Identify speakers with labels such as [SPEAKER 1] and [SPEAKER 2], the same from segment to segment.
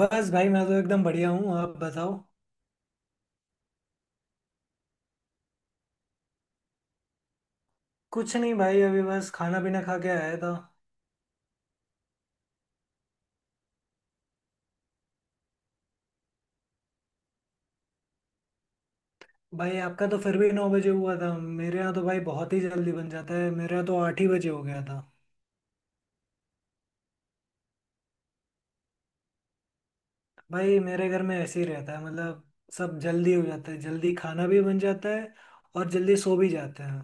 [SPEAKER 1] बस भाई मैं तो एकदम बढ़िया हूँ। आप बताओ। कुछ नहीं भाई, अभी बस खाना पीना खा के आया था। भाई आपका तो फिर भी 9 बजे हुआ था, मेरे यहाँ तो भाई बहुत ही जल्दी बन जाता है। मेरे यहाँ तो 8 ही बजे हो गया था। भाई मेरे घर में ऐसे ही रहता है मतलब, सब जल्दी हो जाता है, जल्दी खाना भी बन जाता है और जल्दी सो भी जाते हैं।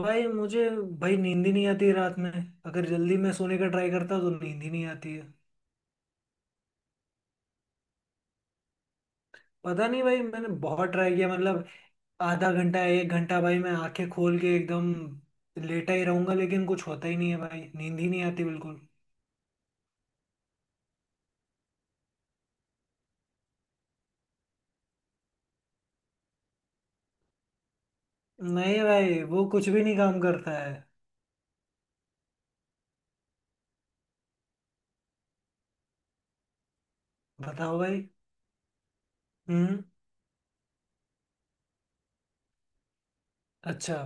[SPEAKER 1] भाई मुझे, भाई नींद ही नहीं आती रात में। अगर जल्दी मैं सोने का ट्राई करता तो नींद ही नहीं आती है। पता नहीं भाई मैंने बहुत ट्राई किया मतलब, आधा घंटा एक घंटा भाई मैं आंखें खोल के एकदम लेटा ही रहूंगा, लेकिन कुछ होता ही नहीं है भाई, नींद ही नहीं आती बिल्कुल। नहीं भाई वो कुछ भी नहीं काम करता है। बताओ भाई। हम्म। अच्छा।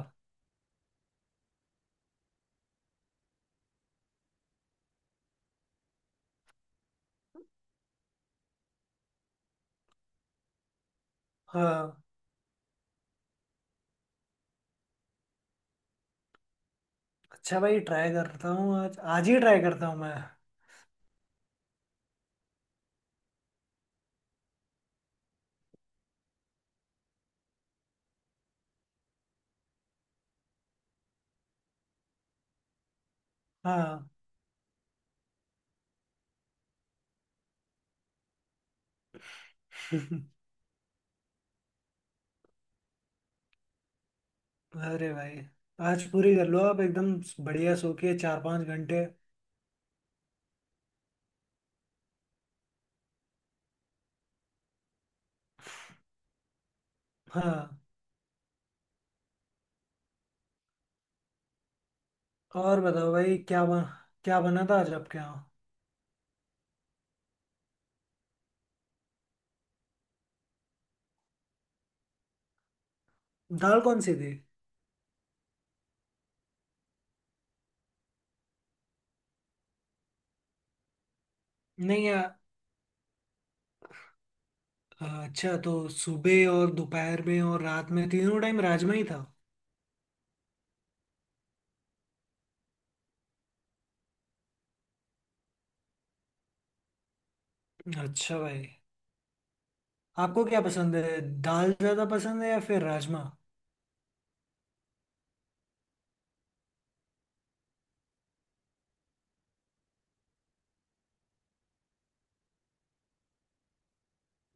[SPEAKER 1] हाँ। अच्छा भाई, ट्राई करता हूँ, आज आज ही ट्राई करता हूँ मैं। हाँ। अरे भाई, आज पूरी कर लो आप एकदम, बढ़िया सो के चार पाँच घंटे। हाँ, और बताओ भाई, क्या बना था आज आपके यहाँ। दाल कौन सी थी। नहीं। हाँ, अच्छा तो सुबह और दोपहर में और रात में तीनों टाइम राजमा ही था। अच्छा भाई। आपको क्या पसंद है, दाल ज़्यादा पसंद है या फिर राजमा।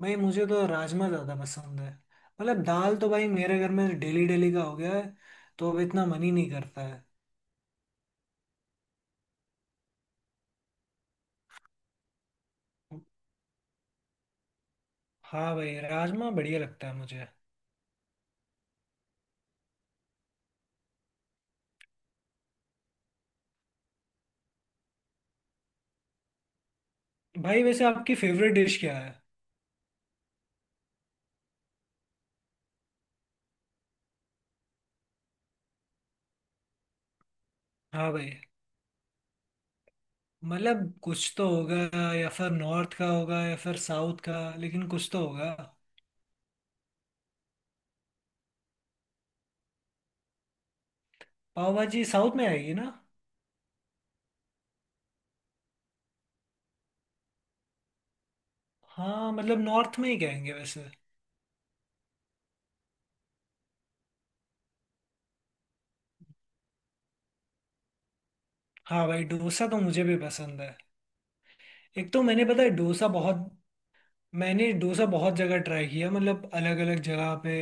[SPEAKER 1] भाई मुझे तो राजमा ज़्यादा पसंद है, मतलब दाल तो भाई मेरे घर में डेली डेली का हो गया है, तो अब इतना मन ही नहीं करता है। हाँ भाई, राजमा बढ़िया लगता है मुझे। भाई वैसे आपकी फेवरेट डिश क्या है। हाँ भाई, मतलब कुछ तो होगा, या फिर नॉर्थ का होगा या फिर साउथ का, लेकिन कुछ तो होगा। पाव भाजी साउथ में आएगी ना। हाँ मतलब नॉर्थ में ही कहेंगे वैसे। हाँ भाई डोसा तो मुझे भी पसंद है। एक तो मैंने पता है डोसा बहुत, मैंने डोसा बहुत जगह ट्राई किया मतलब, अलग अलग जगह पे,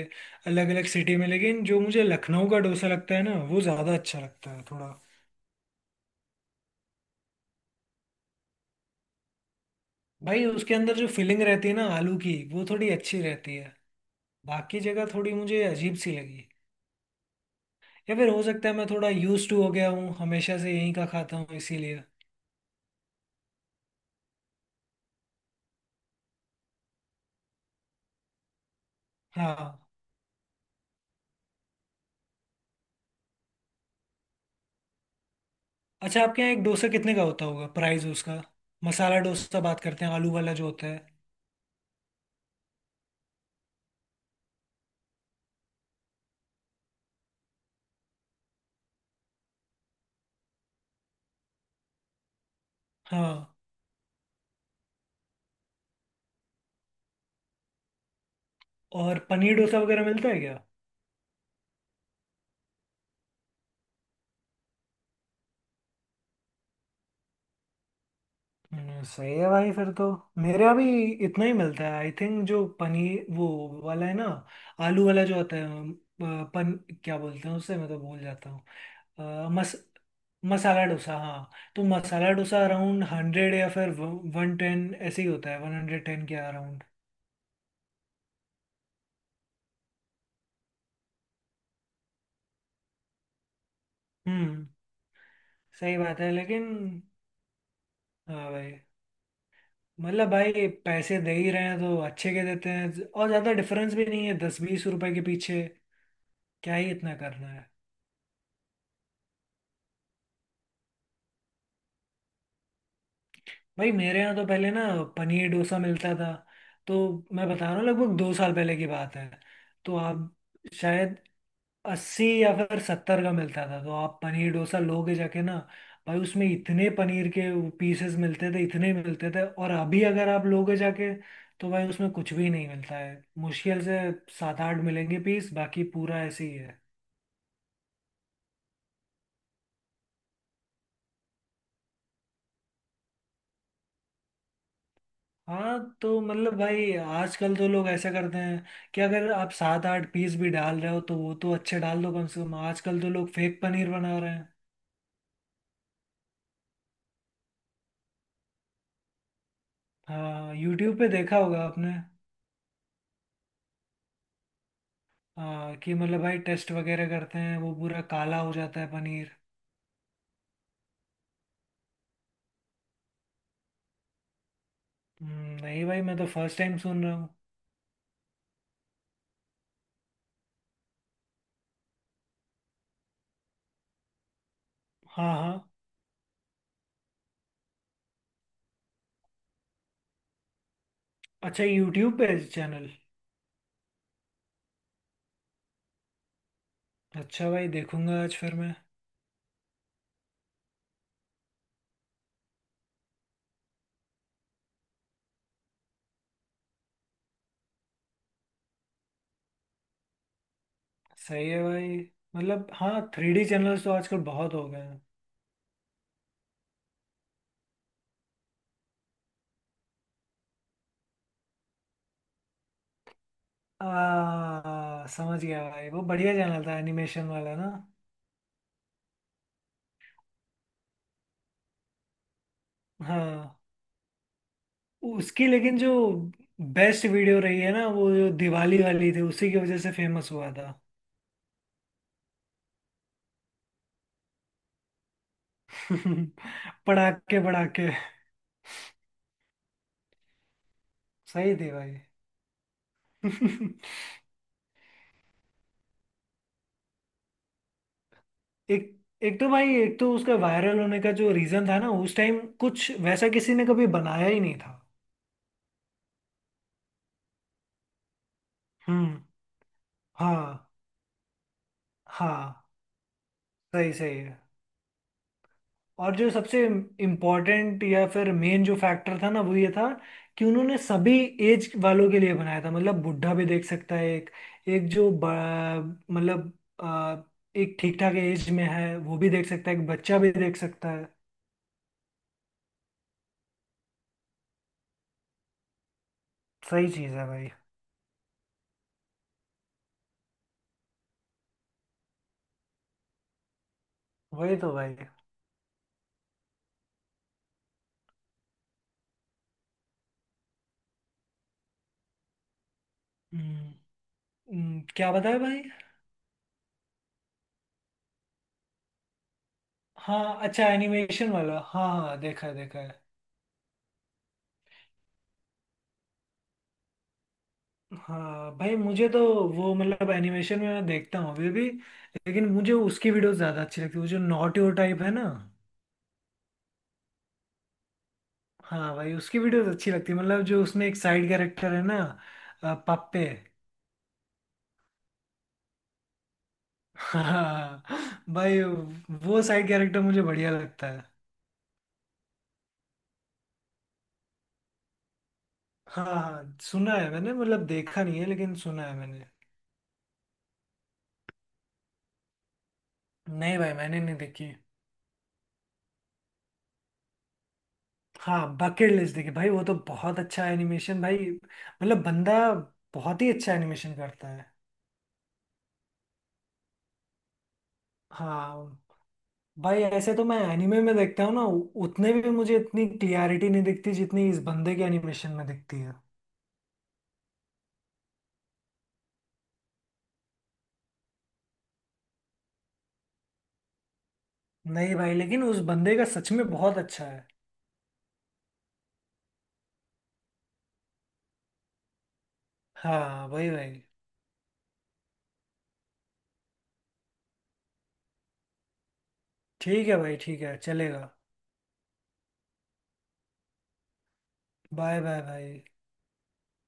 [SPEAKER 1] अलग अलग सिटी में। लेकिन जो मुझे लखनऊ का डोसा लगता है ना, वो ज़्यादा अच्छा लगता है थोड़ा। भाई उसके अंदर जो फिलिंग रहती है ना आलू की, वो थोड़ी अच्छी रहती है। बाकी जगह थोड़ी मुझे अजीब सी लगी। या फिर हो सकता है मैं थोड़ा यूज्ड टू हो गया हूँ, हमेशा से यहीं का खाता हूँ इसीलिए। हाँ। अच्छा आपके यहाँ एक डोसा कितने का होता होगा, प्राइस उसका। मसाला डोसा बात करते हैं, आलू वाला जो होता है। हाँ। और पनीर डोसा वगैरह मिलता है क्या। सही है भाई फिर तो। मेरे यहाँ भी इतना ही मिलता है आई थिंक। जो पनीर, वो वाला है ना, आलू वाला जो होता है, अ, पन क्या बोलते हैं उसे, मैं तो भूल जाता हूँ। अ, मस मसाला डोसा हाँ। तो मसाला डोसा अराउंड 100 या फिर 110 ऐसे ही होता है, 110 के अराउंड। हम्म। सही बात है, लेकिन। हाँ भाई। मतलब भाई पैसे दे ही रहे हैं तो अच्छे के देते हैं, और ज्यादा डिफरेंस भी नहीं है 10 20 रुपए के पीछे। क्या ही इतना करना है। भाई मेरे यहाँ तो पहले ना, पनीर डोसा मिलता था तो, मैं बता रहा हूँ लगभग 2 साल पहले की बात है, तो आप शायद, 80 या फिर 70 का मिलता था, तो आप पनीर डोसा लोगे जाके ना, भाई उसमें इतने पनीर के पीसेस मिलते थे, इतने मिलते थे। और अभी अगर आप लोगे जाके तो भाई उसमें कुछ भी नहीं मिलता है, मुश्किल से 7 8 मिलेंगे पीस, बाकी पूरा ऐसे ही है। हाँ तो मतलब भाई आजकल तो लोग ऐसा करते हैं कि अगर आप 7 8 पीस भी डाल रहे हो तो वो तो अच्छे डाल दो कम से कम, आजकल तो लोग फेक पनीर बना रहे हैं। हाँ, यूट्यूब पे देखा होगा आपने। हाँ, कि मतलब भाई टेस्ट वगैरह करते हैं वो पूरा काला हो जाता है पनीर। नहीं भाई मैं तो फर्स्ट टाइम सुन रहा हूँ। हाँ हाँ। अच्छा यूट्यूब पे चैनल। अच्छा भाई देखूंगा आज फिर मैं। सही है भाई। मतलब हाँ, थ्री डी चैनल्स तो आजकल बहुत हो गए हैं। समझ गया भाई, वो बढ़िया चैनल था एनिमेशन वाला ना। हाँ। उसकी, लेकिन जो बेस्ट वीडियो रही है ना, वो जो दिवाली वाली थी, उसी की वजह से फेमस हुआ था। पड़ाके पड़ाके। सही थे भाई। एक एक तो भाई, एक तो उसका वायरल होने का जो रीजन था ना, उस टाइम कुछ वैसा किसी ने कभी बनाया ही नहीं था। हम्म। हाँ हाँ सही सही। और जो सबसे इम्पोर्टेंट या फिर मेन जो फैक्टर था ना, वो ये था कि उन्होंने सभी एज वालों के लिए बनाया था, मतलब बुढ़ा भी देख सकता है, एक एक जो ब- मतलब अ, एक ठीक ठाक एज में है वो भी देख सकता है, एक बच्चा भी देख सकता है। सही चीज़ है भाई। वही तो भाई। हम्म। क्या बताया भाई। हाँ अच्छा एनिमेशन वाला, हाँ हाँ देखा है देखा है। हाँ भाई मुझे तो, वो मतलब एनिमेशन में मैं देखता हूँ अभी भी, लेकिन मुझे उसकी वीडियोस ज़्यादा अच्छी लगती है, वो जो नॉट योर टाइप है ना। हाँ भाई उसकी वीडियोस अच्छी लगती है। मतलब जो उसमें एक साइड कैरेक्टर है ना, पप्पे। हाँ भाई, वो साइड कैरेक्टर मुझे बढ़िया लगता है। हाँ हाँ सुना है मैंने, मतलब देखा नहीं है लेकिन सुना है मैंने। नहीं भाई मैंने नहीं देखी। हाँ बकेट लिस्ट देखी भाई, वो तो बहुत अच्छा एनिमेशन भाई, मतलब बंदा बहुत ही अच्छा एनिमेशन करता है। हाँ भाई ऐसे तो मैं एनिमे में देखता हूँ ना, उतने भी मुझे इतनी क्लियरिटी नहीं दिखती जितनी इस बंदे के एनिमेशन में दिखती है। नहीं भाई लेकिन उस बंदे का सच में बहुत अच्छा है। हाँ भाई भाई। ठीक है भाई, ठीक है चलेगा। बाय बाय भाई।